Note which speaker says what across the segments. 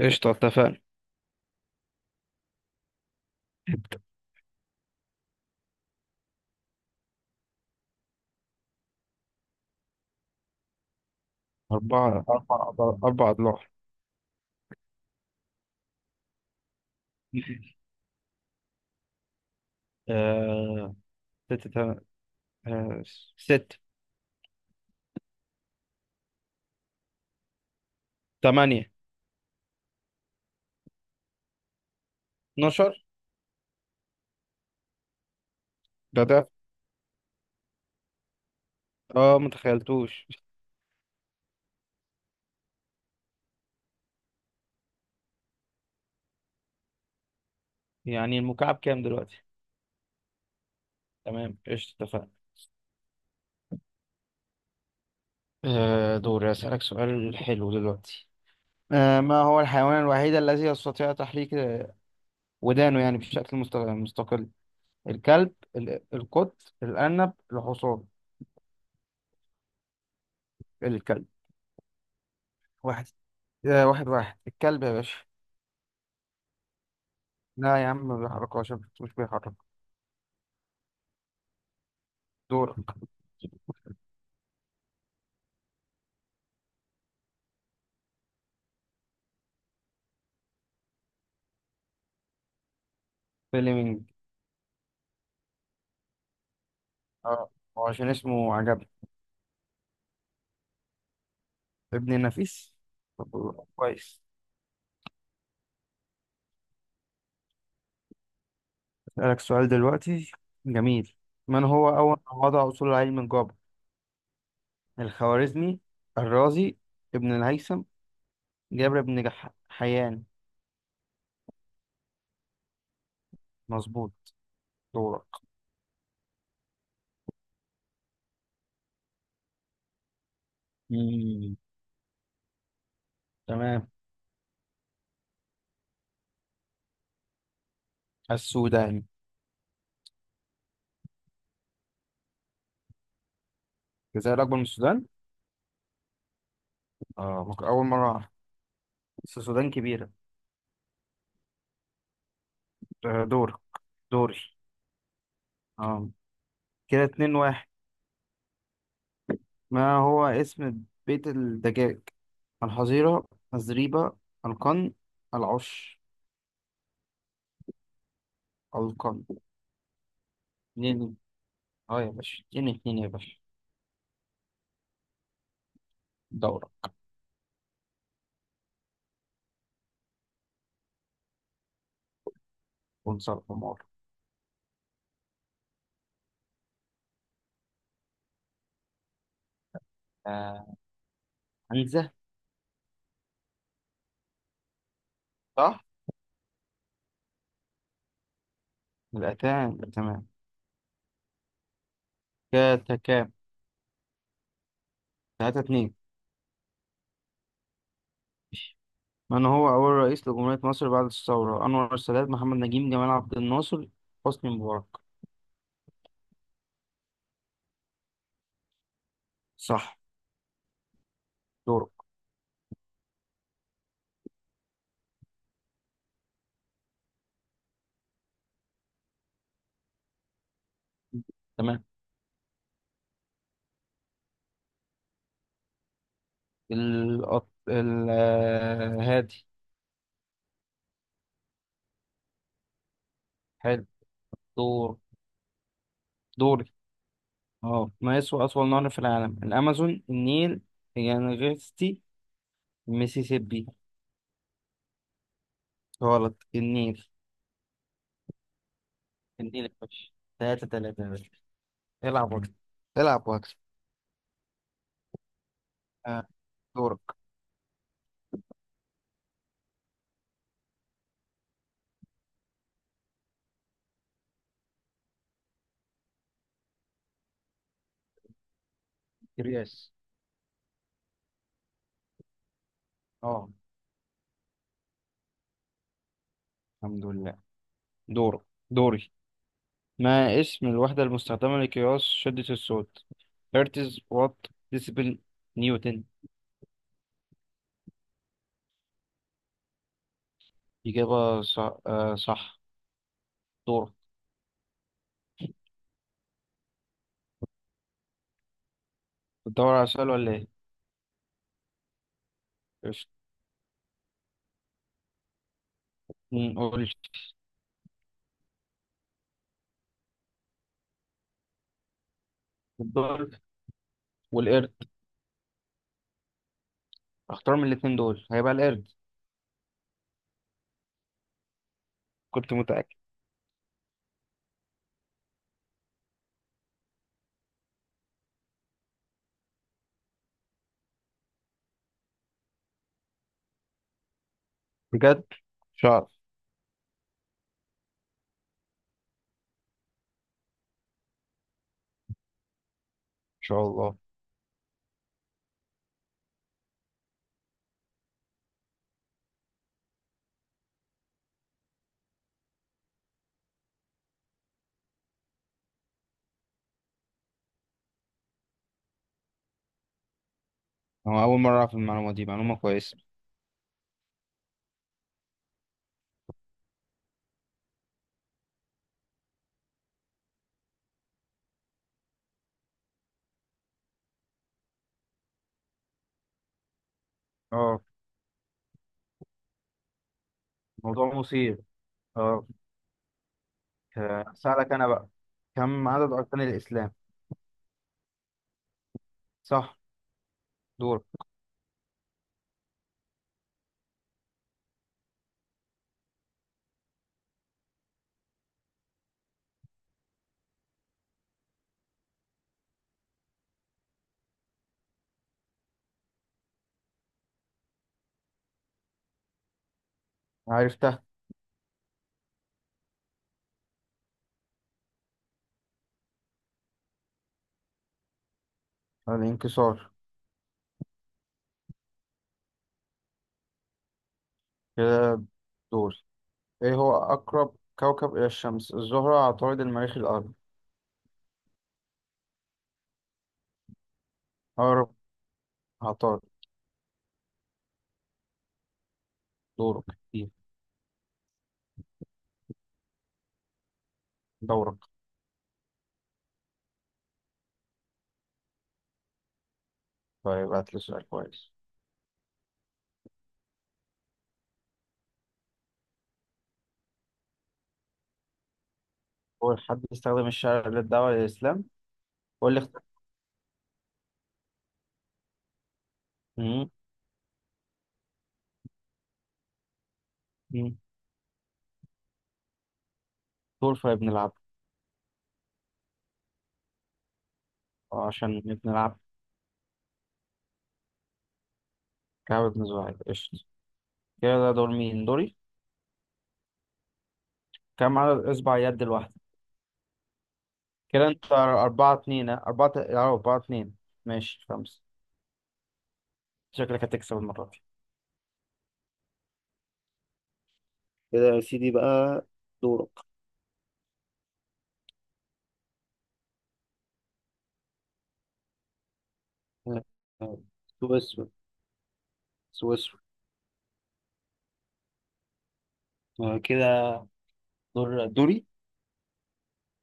Speaker 1: قشطة، اتفقنا. أربع أضلاع. أربع أضلاع. آه... ستة تم... آه... ست، 8، 12. ده، اه، متخيلتوش. يعني المكعب كام دلوقتي؟ تمام، قشطة، اتفقنا. دوري. أسألك سؤال حلو دلوقتي. ما هو الحيوان الوحيد الذي يستطيع تحريك ودانه، يعني بشكل مستقل؟ الكلب، القط، الأرنب، الحصان. الكلب. واحد. واحد، الكلب يا باشا. لا يا عم، ما بيحركهاش. مش بيحرك. دورك. فيلمينج. اه، هو عشان اسمه عجبني. ابن النفيس. طب، كويس. اسألك سؤال دلوقتي، جميل. من هو أول من وضع أصول علم الجبر؟ الخوارزمي، الرازي، ابن الهيثم، جابر بن حيان. مظبوط. دورك. مم. تمام. السودان. الجزائر أكبر من السودان؟ اه، ممكن أول مرة أعرف، بس السودان كبيرة. دورك. دوري. اه، كده 2-1. ما هو اسم بيت الدجاج؟ الحظيرة، الزريبة، القن، العش. القن. اتنين. اه يا باشا، اتنين اتنين يا باشا. دورة. ونصر حمار. آه عنزة. صح؟ يبقى تمام، تمام. كده تكام؟ 3-2. من هو أول رئيس لجمهورية مصر بعد الثورة؟ أنور السادات، محمد نجيب، جمال عبد الناصر، حسني مبارك. صح. دورك. تمام. الأط... ال آه، هادي. حلو. دور. دوري. اه، ما يسوى أطول نهر في العالم؟ الأمازون، النيل، يانغستي، الميسيسيبي. غلط. النيل، النيل يا باشا. 3-3 يا باشا. العب وقت، العب واكسب. آه. دورك. قياس. اه. الحمد لله. دورك. دوري. ما اسم الوحدة المستخدمة لقياس شدة الصوت؟ هرتز، وات، ديسيبل، نيوتن. إجابة صح، صح. دورك. بتدور على سؤال ولا إيه؟ قشطة. قول. الدول والقرد. اختار من الاتنين دول، هيبقى القرد. كنت متأكد. بجد ان، مش هعرف. شاء الله. أنا أول مرة أعرف المعلومة دي، معلومة كويسة. اه. موضوع مثير. اه. اسالك انا بقى. كم عدد اركان الاسلام؟ صح. دور. عرفتها. الانكسار. كده. دور. ايه هو اقرب كوكب الى الشمس؟ الزهره، عطارد، المريخ، الارض. اقرب عطارد. دورك. إيه؟ دورك. طيب، هات لي سؤال كويس. اول حد استخدم الشرع للدعوه للاسلام. قول لي. مم. مم. دور في ابن العبد. عشان ابن العبد. كعب بن زهير. قشطة. كده، ده دور مين؟ دوري. كام عدد اصبع يد الواحدة؟ كده انت 4-2، ها؟ أربعة، أربعة اتنين. ماشي 5. شكلك هتكسب المرة دي. كده يا سيدي بقى. دورك. آه، آه، سويسرا. سويسرا. كده. دور. دوري.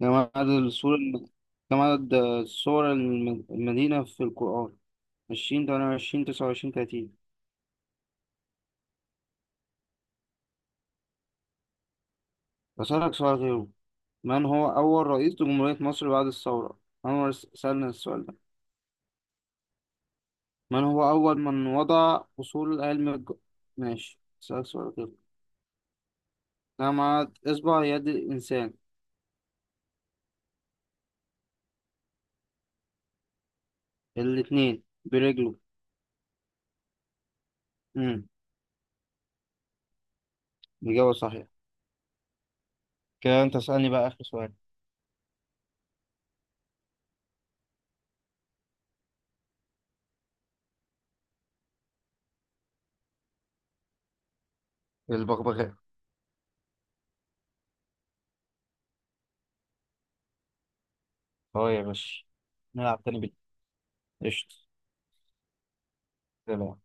Speaker 1: كم عدد كم عدد سور المدينة في القرآن؟ 20، 28، 29، 30. أسألك سؤال غيره. من هو أول رئيس لجمهورية مصر بعد الثورة؟ سألنا السؤال ده. من هو أول من وضع أصول علم. ماشي أسألك سؤال كده. جمع إصبع يد الإنسان. الاتنين برجله. امم. الإجابة صحيحة. كده أنت اسألني بقى آخر سؤال. البغبغاء. أه يا باشا. نلعب تاني. بالقشط. سلام.